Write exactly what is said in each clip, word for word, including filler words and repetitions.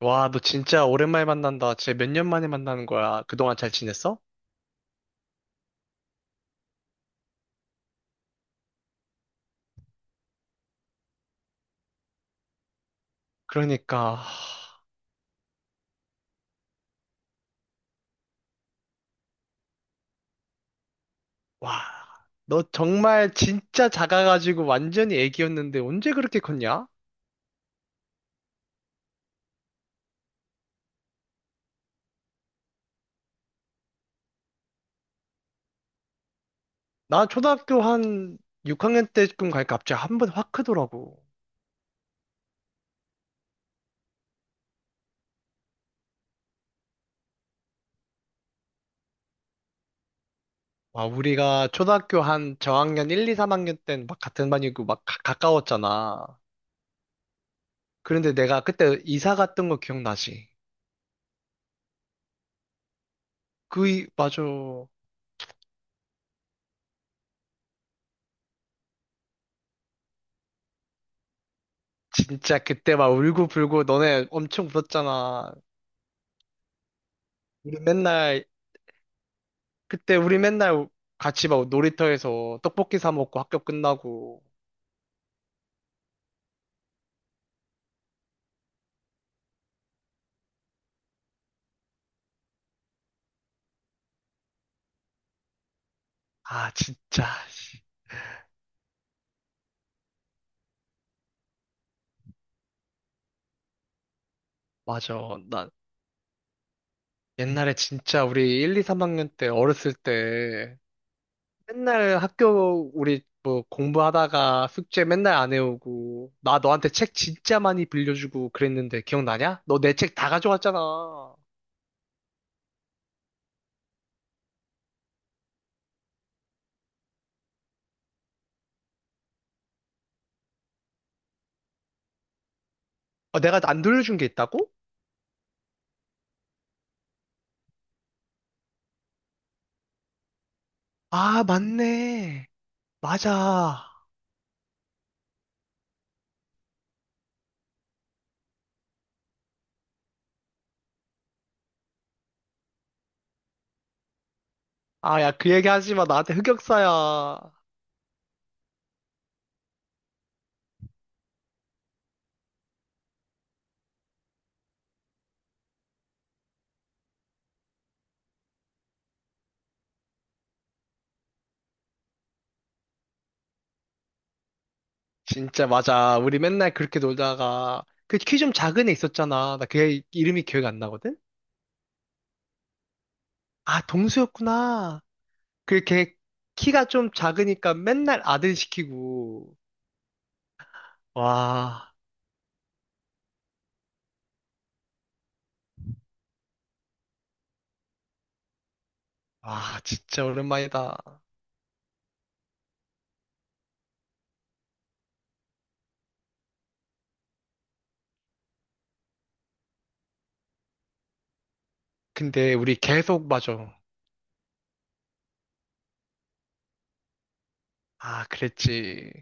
와, 너 진짜 오랜만에 만난다. 진짜 몇 년 만에 만나는 거야. 그동안 잘 지냈어? 그러니까, 하, 와, 너 정말 진짜 작아가지고 완전히 애기였는데 언제 그렇게 컸냐? 나 초등학교 한 육 학년 때쯤 가니까 갑자기 한 번 확 크더라고. 와, 우리가 초등학교 한 저학년 일, 이, 삼 학년 땐 막 같은 반이고 막 가, 가까웠잖아. 그런데 내가 그때 이사 갔던 거 기억나지? 그, 이- 맞아. 진짜 그때 막 울고불고 너네 엄청 울었잖아. 우리 맨날, 그때 우리 맨날 같이 막 놀이터에서 떡볶이 사 먹고 학교 끝나고. 아, 진짜. 씨. 맞아. 나 옛날에 진짜 우리 일, 이, 삼 학년 때 어렸을 때 맨날 학교 우리 뭐 공부하다가 숙제 맨날 안 해오고 나 너한테 책 진짜 많이 빌려주고 그랬는데 기억나냐? 너 내 책 다 가져갔잖아. 어, 내가 안 돌려준 게 있다고? 아, 맞네. 맞아. 아, 야, 그 얘기 하지 마. 나한테 흑역사야. 진짜 맞아. 우리 맨날 그렇게 놀다가 그 키 좀 작은 애 있었잖아. 나 걔 이름이 기억이 안 나거든? 아, 동수였구나. 그걔 키가 좀 작으니까 맨날 아들 시키고. 와, 와, 진짜 오랜만이다. 근데 우리 계속 맞아. 아, 그랬지.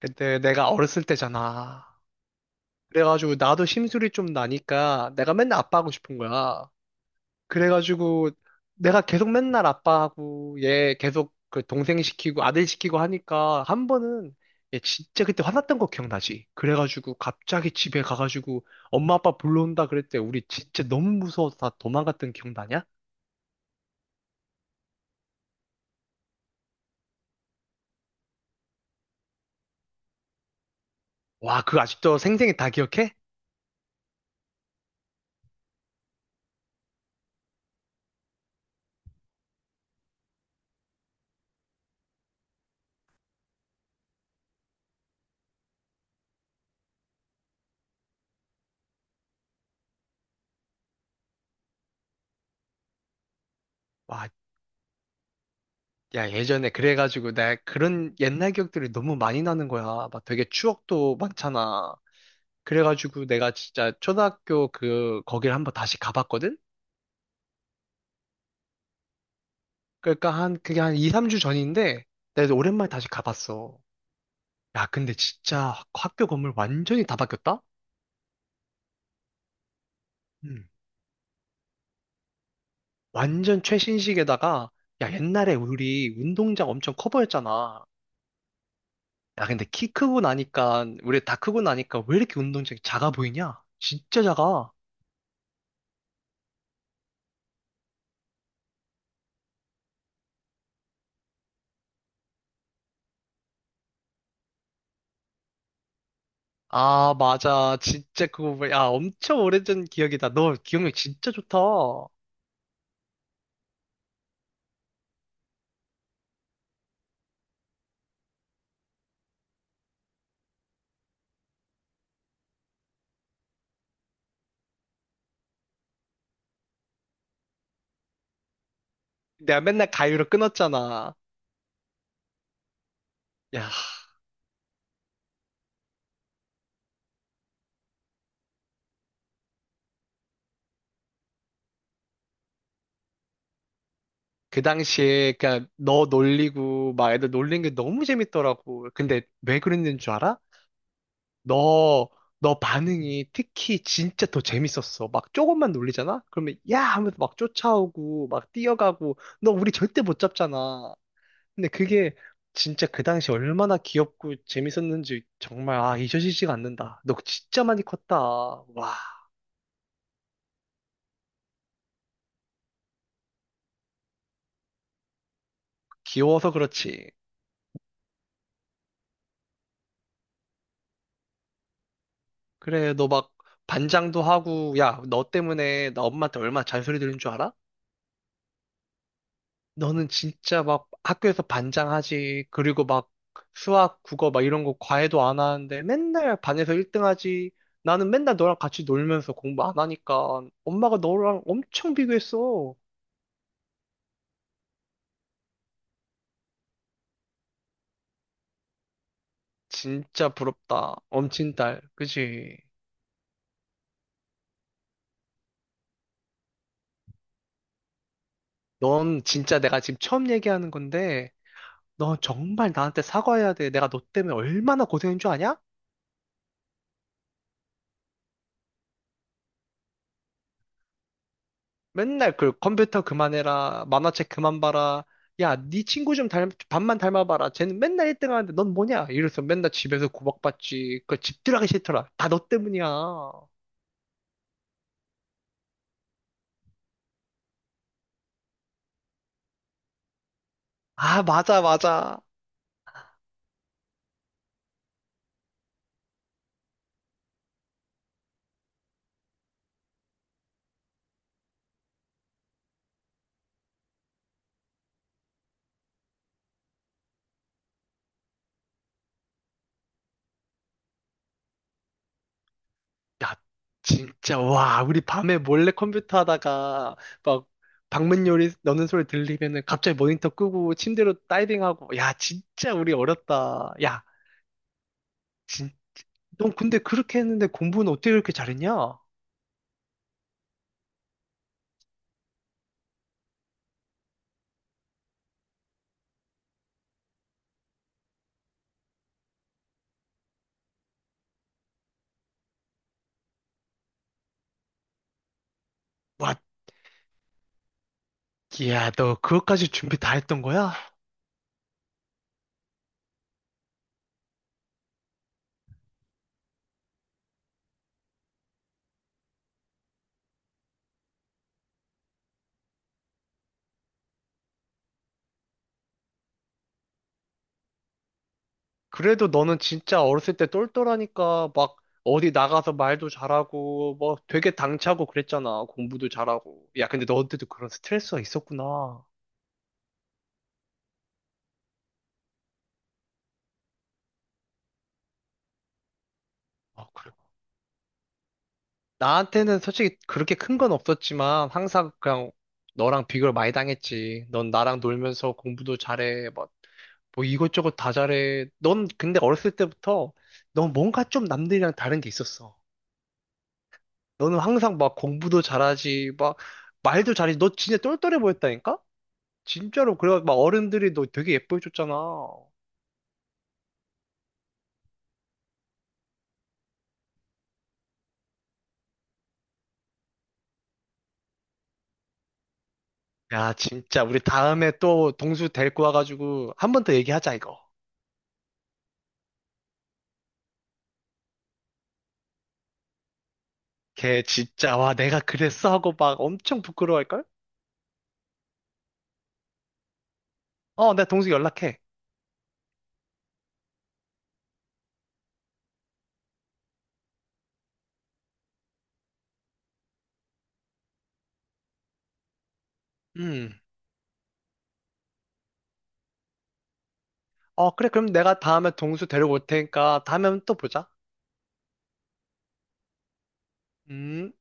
근데 내가 어렸을 때잖아. 그래가지고 나도 심술이 좀 나니까 내가 맨날 아빠 하고 싶은 거야. 그래가지고 내가 계속 맨날 아빠하고 얘 계속 그 동생 시키고 아들 시키고 하니까 한 번은 얘 진짜 그때 화났던 거 기억나지? 그래가지고 갑자기 집에 가가지고 엄마 아빠 불러온다 그랬대. 우리 진짜 너무 무서워서 다 도망갔던 기억나냐? 와, 그거 아직도 생생히 다 기억해? 와, 야, 예전에 그래가지고 나 그런 옛날 기억들이 너무 많이 나는 거야. 막 되게 추억도 많잖아. 그래가지고 내가 진짜 초등학교 그 거기를 한번 다시 가봤거든? 그러니까 한, 그게 한 이, 삼 주 전인데, 내가 오랜만에 다시 가봤어. 야, 근데 진짜 학교 건물 완전히 다 바뀌었다? 음. 완전 최신식에다가, 야, 옛날에 우리 운동장 엄청 커 보였잖아. 야, 근데 키 크고 나니까, 우리 다 크고 나니까 왜 이렇게 운동장이 작아 보이냐? 진짜 작아. 아, 맞아. 진짜 그거, 뭐야. 야, 엄청 오래전 기억이다. 너 기억력 진짜 좋다. 내가 맨날 가위로 끊었잖아. 야, 그 당시에 그냥 너 놀리고 막 애들 놀린 게 너무 재밌더라고. 근데 왜 그랬는 줄 알아? 너, 너 반응이 특히 진짜 더 재밌었어. 막 조금만 놀리잖아? 그러면 야 하면서 막 쫓아오고 막 뛰어가고 너 우리 절대 못 잡잖아. 근데 그게 진짜 그 당시 얼마나 귀엽고 재밌었는지 정말 아 잊혀지지가 않는다. 너 진짜 많이 컸다. 와 귀여워서 그렇지. 그래 너 막 반장도 하고 야 너 때문에 나 엄마한테 얼마나 잔소리 들은 줄 알아? 너는 진짜 막 학교에서 반장하지, 그리고 막 수학, 국어 막 이런 거 과외도 안 하는데 맨날 반에서 일 등 하지. 나는 맨날 너랑 같이 놀면서 공부 안 하니까 엄마가 너랑 엄청 비교했어. 진짜 부럽다. 엄친딸. 그지? 넌 진짜 내가 지금 처음 얘기하는 건데, 너 정말 나한테 사과해야 돼. 내가 너 때문에 얼마나 고생인 줄 아냐? 맨날 그 컴퓨터 그만해라, 만화책 그만 봐라, 야, 네 친구 좀 닮, 반만 닮아봐라. 쟤는 맨날 일 등 하는데 넌 뭐냐? 이래서 맨날 집에서 구박받지. 그 집 들어가기 싫더라. 다 너 때문이야. 아, 맞아, 맞아. 야, 진짜, 와, 우리 밤에 몰래 컴퓨터 하다가 막 방문 요리 넣는 소리 들리면은 갑자기 모니터 끄고 침대로 다이빙하고. 야, 진짜 우리 어렸다. 야, 진, 넌 근데 그렇게 했는데 공부는 어떻게 그렇게 잘했냐? 와, 야 너 그것까지 준비 다 했던 거야? 그래도 너는 진짜 어렸을 때 똘똘하니까 막 어디 나가서 말도 잘하고 뭐 되게 당차고 그랬잖아. 공부도 잘하고. 야, 근데 너한테도 그런 스트레스가 있었구나. 아, 그래. 나한테는 솔직히 그렇게 큰 건 없었지만 항상 그냥 너랑 비교를 많이 당했지. 넌 나랑 놀면서 공부도 잘해. 뭐, 뭐 이것저것 다 잘해. 넌 근데 어렸을 때부터 넌 뭔가 좀 남들이랑 다른 게 있었어. 너는 항상 막 공부도 잘하지, 막 말도 잘하지. 너 진짜 똘똘해 보였다니까? 진짜로. 그래, 막 어른들이 너 되게 예뻐해줬잖아. 야, 진짜. 우리 다음에 또 동수 데리고 와가지고 한 번 더 얘기하자, 이거. 걔 진짜, 와, 내가 그랬어 하고 막 엄청 부끄러워할걸? 어, 내가 동수 연락해. 음. 어, 그래. 그럼 내가 다음에 동수 데리고 올 테니까 다음에 또 보자. 음.